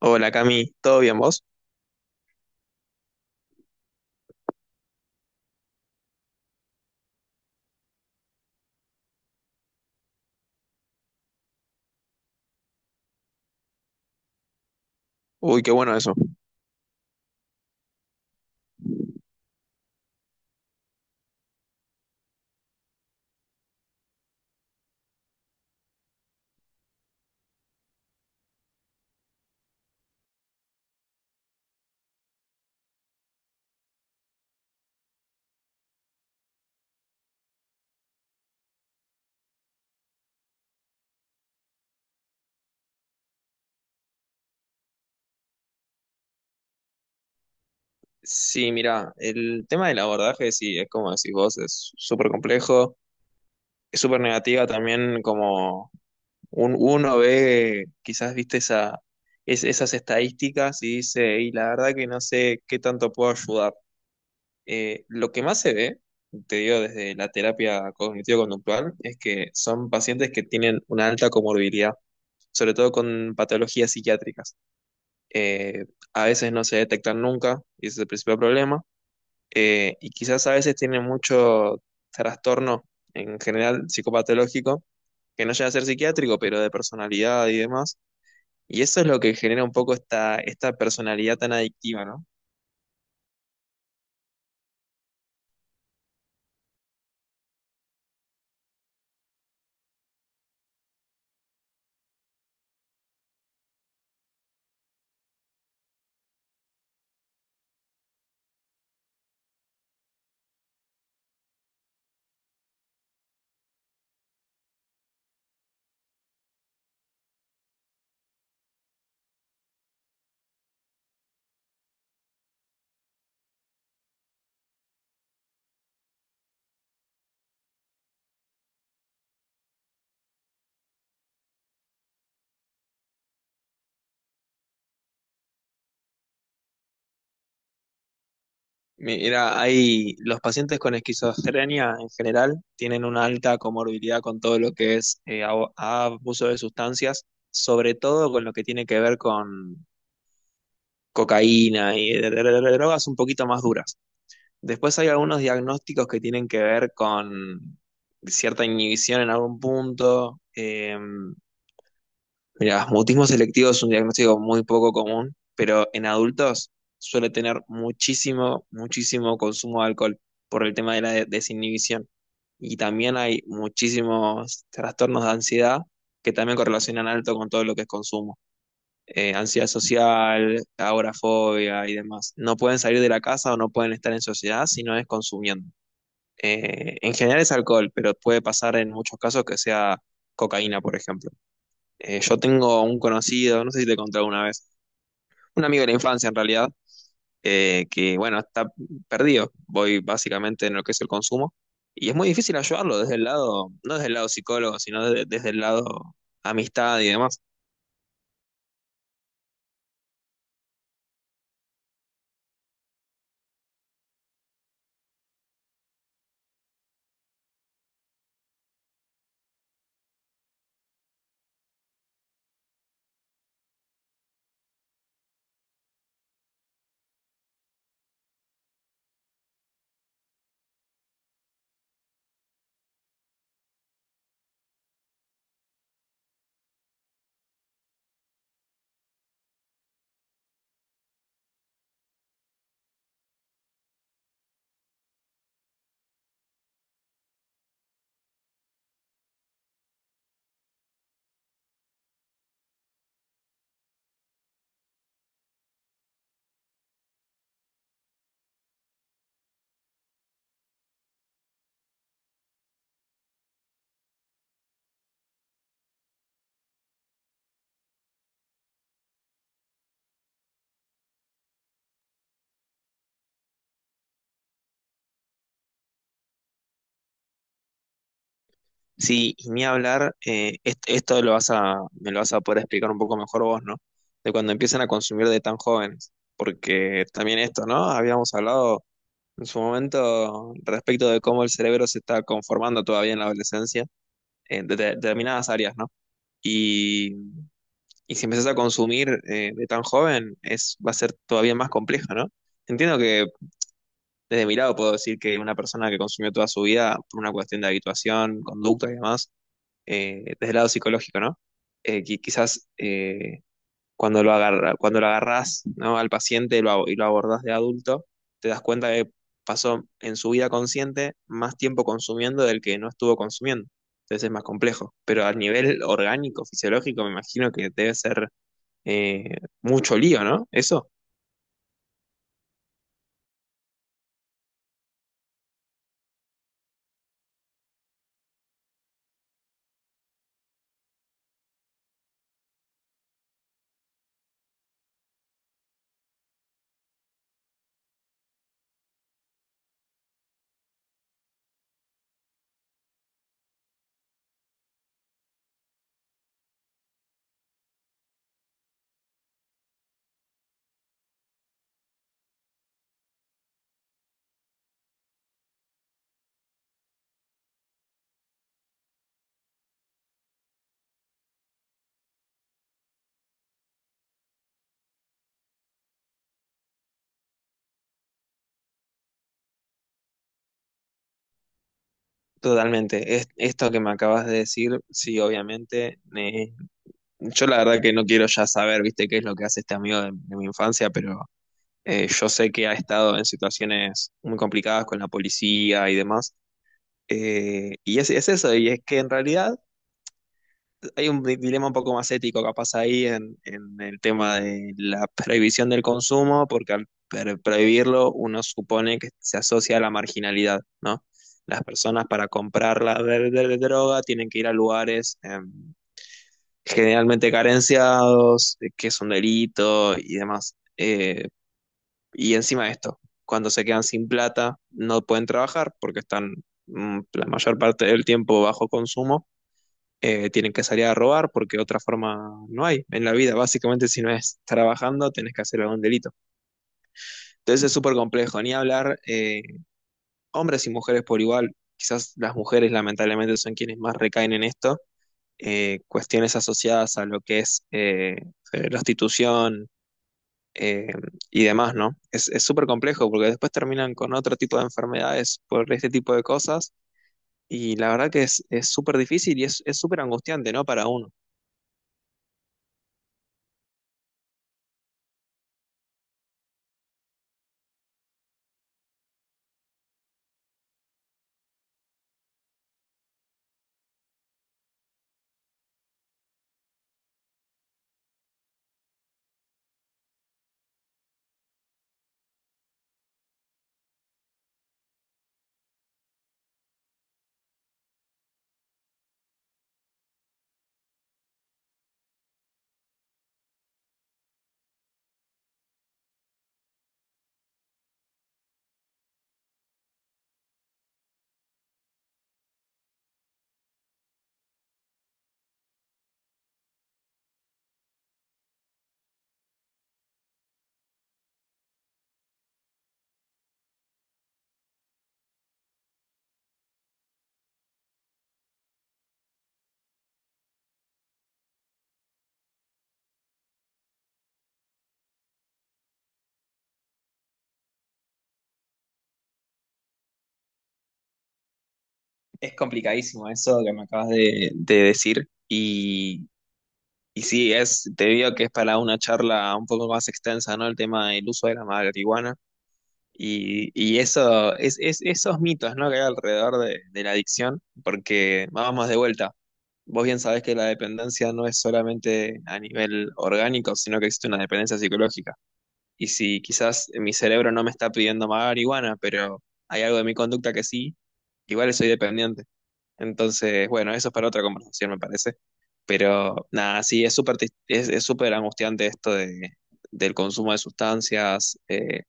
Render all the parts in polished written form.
Hola Cami, ¿todo bien vos? Uy, qué bueno eso. Sí, mira, el tema del abordaje, sí, es como decís vos, es súper complejo, es súper negativa también, como uno ve, quizás viste esa, esas estadísticas y dice, y la verdad que no sé qué tanto puedo ayudar. Lo que más se ve, te digo desde la terapia cognitivo-conductual, es que son pacientes que tienen una alta comorbilidad, sobre todo con patologías psiquiátricas. eh, a veces no se detectan nunca y ese es el principal problema. Y quizás a veces tienen mucho trastorno en general psicopatológico que no llega a ser psiquiátrico, pero de personalidad y demás. Y eso es lo que genera un poco esta personalidad tan adictiva, ¿no? Mira, hay los pacientes con esquizofrenia en general tienen una alta comorbilidad con todo lo que es abuso de sustancias, sobre todo con lo que tiene que ver con cocaína y drogas un poquito más duras. Después hay algunos diagnósticos que tienen que ver con cierta inhibición en algún punto. Mira, mutismo selectivo es un diagnóstico muy poco común, pero en adultos suele tener muchísimo, muchísimo consumo de alcohol por el tema de la desinhibición. Y también hay muchísimos trastornos de ansiedad que también correlacionan alto con todo lo que es consumo, ansiedad social, agorafobia y demás. No pueden salir de la casa o no pueden estar en sociedad si no es consumiendo. En general es alcohol, pero puede pasar en muchos casos que sea cocaína, por ejemplo. Yo tengo un conocido, no sé si te conté alguna vez, un amigo de la infancia en realidad, que bueno, está perdido, voy básicamente en lo que es el consumo, y es muy difícil ayudarlo desde el lado, no desde el lado psicólogo, sino desde el lado amistad y demás. Sí, y ni hablar, esto me lo vas a poder explicar un poco mejor vos, ¿no? De cuando empiezan a consumir de tan jóvenes, porque también esto, ¿no? Habíamos hablado en su momento respecto de cómo el cerebro se está conformando todavía en la adolescencia, en determinadas áreas, ¿no? Y, y si empezás a consumir, de tan joven, va a ser todavía más complejo, ¿no? Entiendo que desde mi lado puedo decir que una persona que consumió toda su vida por una cuestión de habituación, conducta y demás, desde el lado psicológico, ¿no? Quizás, cuando lo agarrás, ¿no? Al paciente y lo abordás de adulto, te das cuenta que pasó en su vida consciente más tiempo consumiendo del que no estuvo consumiendo. Entonces es más complejo. Pero a nivel orgánico, fisiológico, me imagino que debe ser, mucho lío, ¿no? Eso. Totalmente. Esto que me acabas de decir, sí, obviamente. Yo la verdad que no quiero ya saber, viste, qué es lo que hace este amigo de mi infancia, pero yo sé que ha estado en situaciones muy complicadas con la policía y demás. Y es eso, y es que en realidad hay un dilema un poco más ético capaz ahí en el tema de la prohibición del consumo, porque al prohibirlo uno supone que se asocia a la marginalidad, ¿no? Las personas para comprar la de droga tienen que ir a lugares, generalmente carenciados, que es un delito y demás. Y encima de esto, cuando se quedan sin plata, no pueden trabajar porque están, la mayor parte del tiempo bajo consumo. Tienen que salir a robar porque otra forma no hay en la vida. Básicamente, si no es trabajando, tenés que hacer algún delito. Entonces es súper complejo. Ni hablar, hombres y mujeres por igual. Quizás las mujeres, lamentablemente, son quienes más recaen en esto. Cuestiones asociadas a lo que es prostitución, eh, y demás, ¿no? Es súper complejo porque después terminan con otro tipo de enfermedades por este tipo de cosas y la verdad que es súper difícil y es súper angustiante, ¿no? Para uno. Es complicadísimo eso que me acabas de decir y sí, te digo que es para una charla un poco más extensa, ¿no? El tema del uso de la marihuana. Y eso, esos mitos, ¿no? Que hay alrededor de la adicción, porque vamos de vuelta. Vos bien sabés que la dependencia no es solamente a nivel orgánico, sino que existe una dependencia psicológica. Y si quizás mi cerebro no me está pidiendo más marihuana, pero hay algo de mi conducta que sí, igual soy dependiente. Entonces, bueno, eso es para otra conversación, me parece. Pero nada, sí, es súper angustiante esto del consumo de sustancias,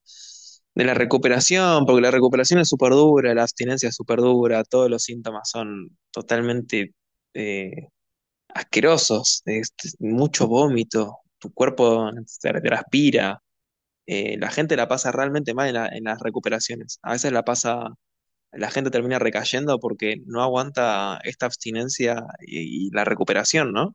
de la recuperación, porque la recuperación es súper dura, la abstinencia es súper dura, todos los síntomas son totalmente eh, asquerosos, es mucho vómito, tu cuerpo se transpira, la gente la pasa realmente mal en las recuperaciones. A veces la gente termina recayendo porque no aguanta esta abstinencia y la recuperación, ¿no?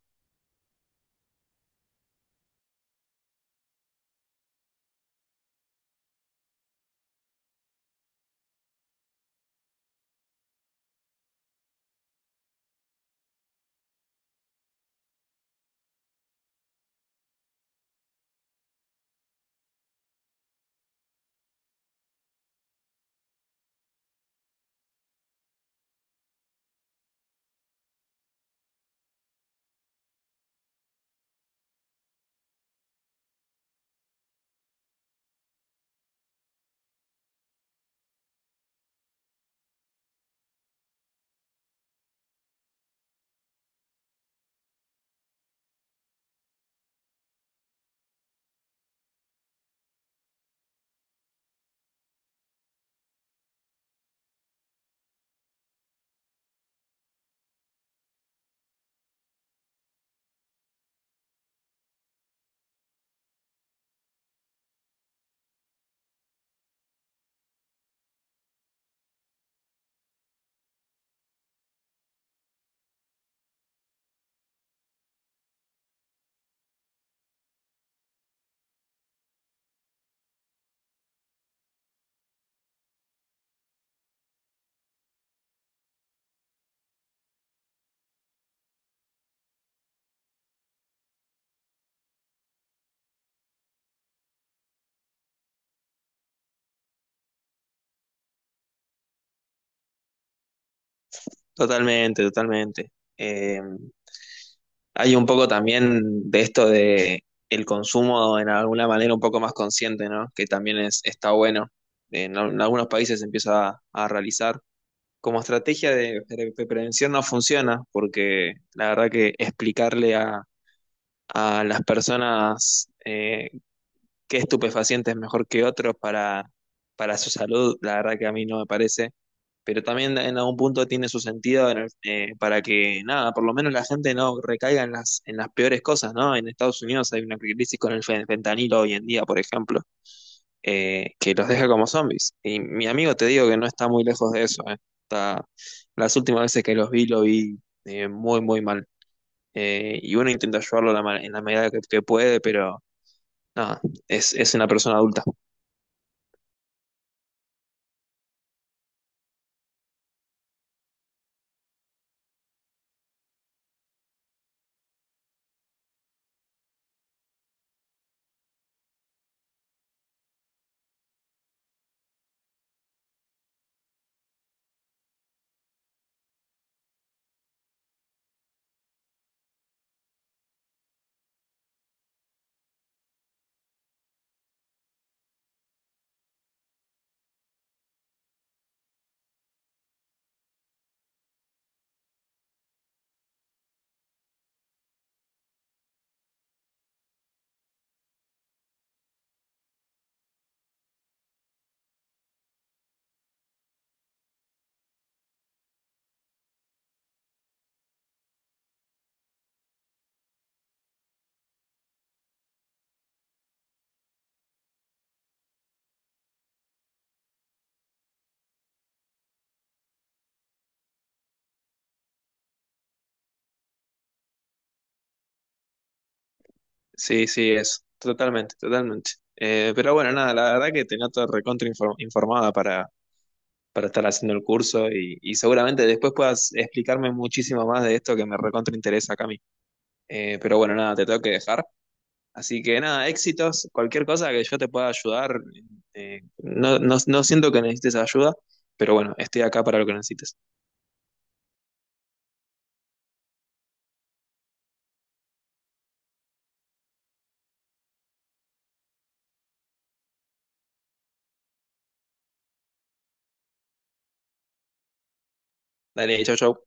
Totalmente, totalmente. Eh, Hay un poco también de esto de el consumo en alguna manera un poco más consciente, ¿no? Que también está bueno. En algunos países se empieza a realizar como estrategia de prevención, no funciona, porque la verdad que explicarle a las personas, qué estupefaciente es mejor que otros para, su salud, la verdad que a mí no me parece. Pero también en algún punto tiene su sentido para que, nada, por lo menos la gente no recaiga en las peores cosas, ¿no? En Estados Unidos hay una crisis con el fentanilo hoy en día, por ejemplo, que los deja como zombies. Y mi amigo te digo que no está muy lejos de eso, eh. Está, las últimas veces que lo vi, muy, muy mal. Y uno intenta ayudarlo en la medida que puede, pero nada, es, una persona adulta. Sí, sí, totalmente, totalmente. Pero bueno, nada, la verdad que te noto recontra informada para, estar haciendo el curso y, seguramente después puedas explicarme muchísimo más de esto que me recontra interesa, Cami. Pero bueno, nada, te tengo que dejar. Así que nada, éxitos, cualquier cosa que yo te pueda ayudar, no, no, no siento que necesites ayuda, pero bueno, estoy acá para lo que necesites. Dale, chau, chau.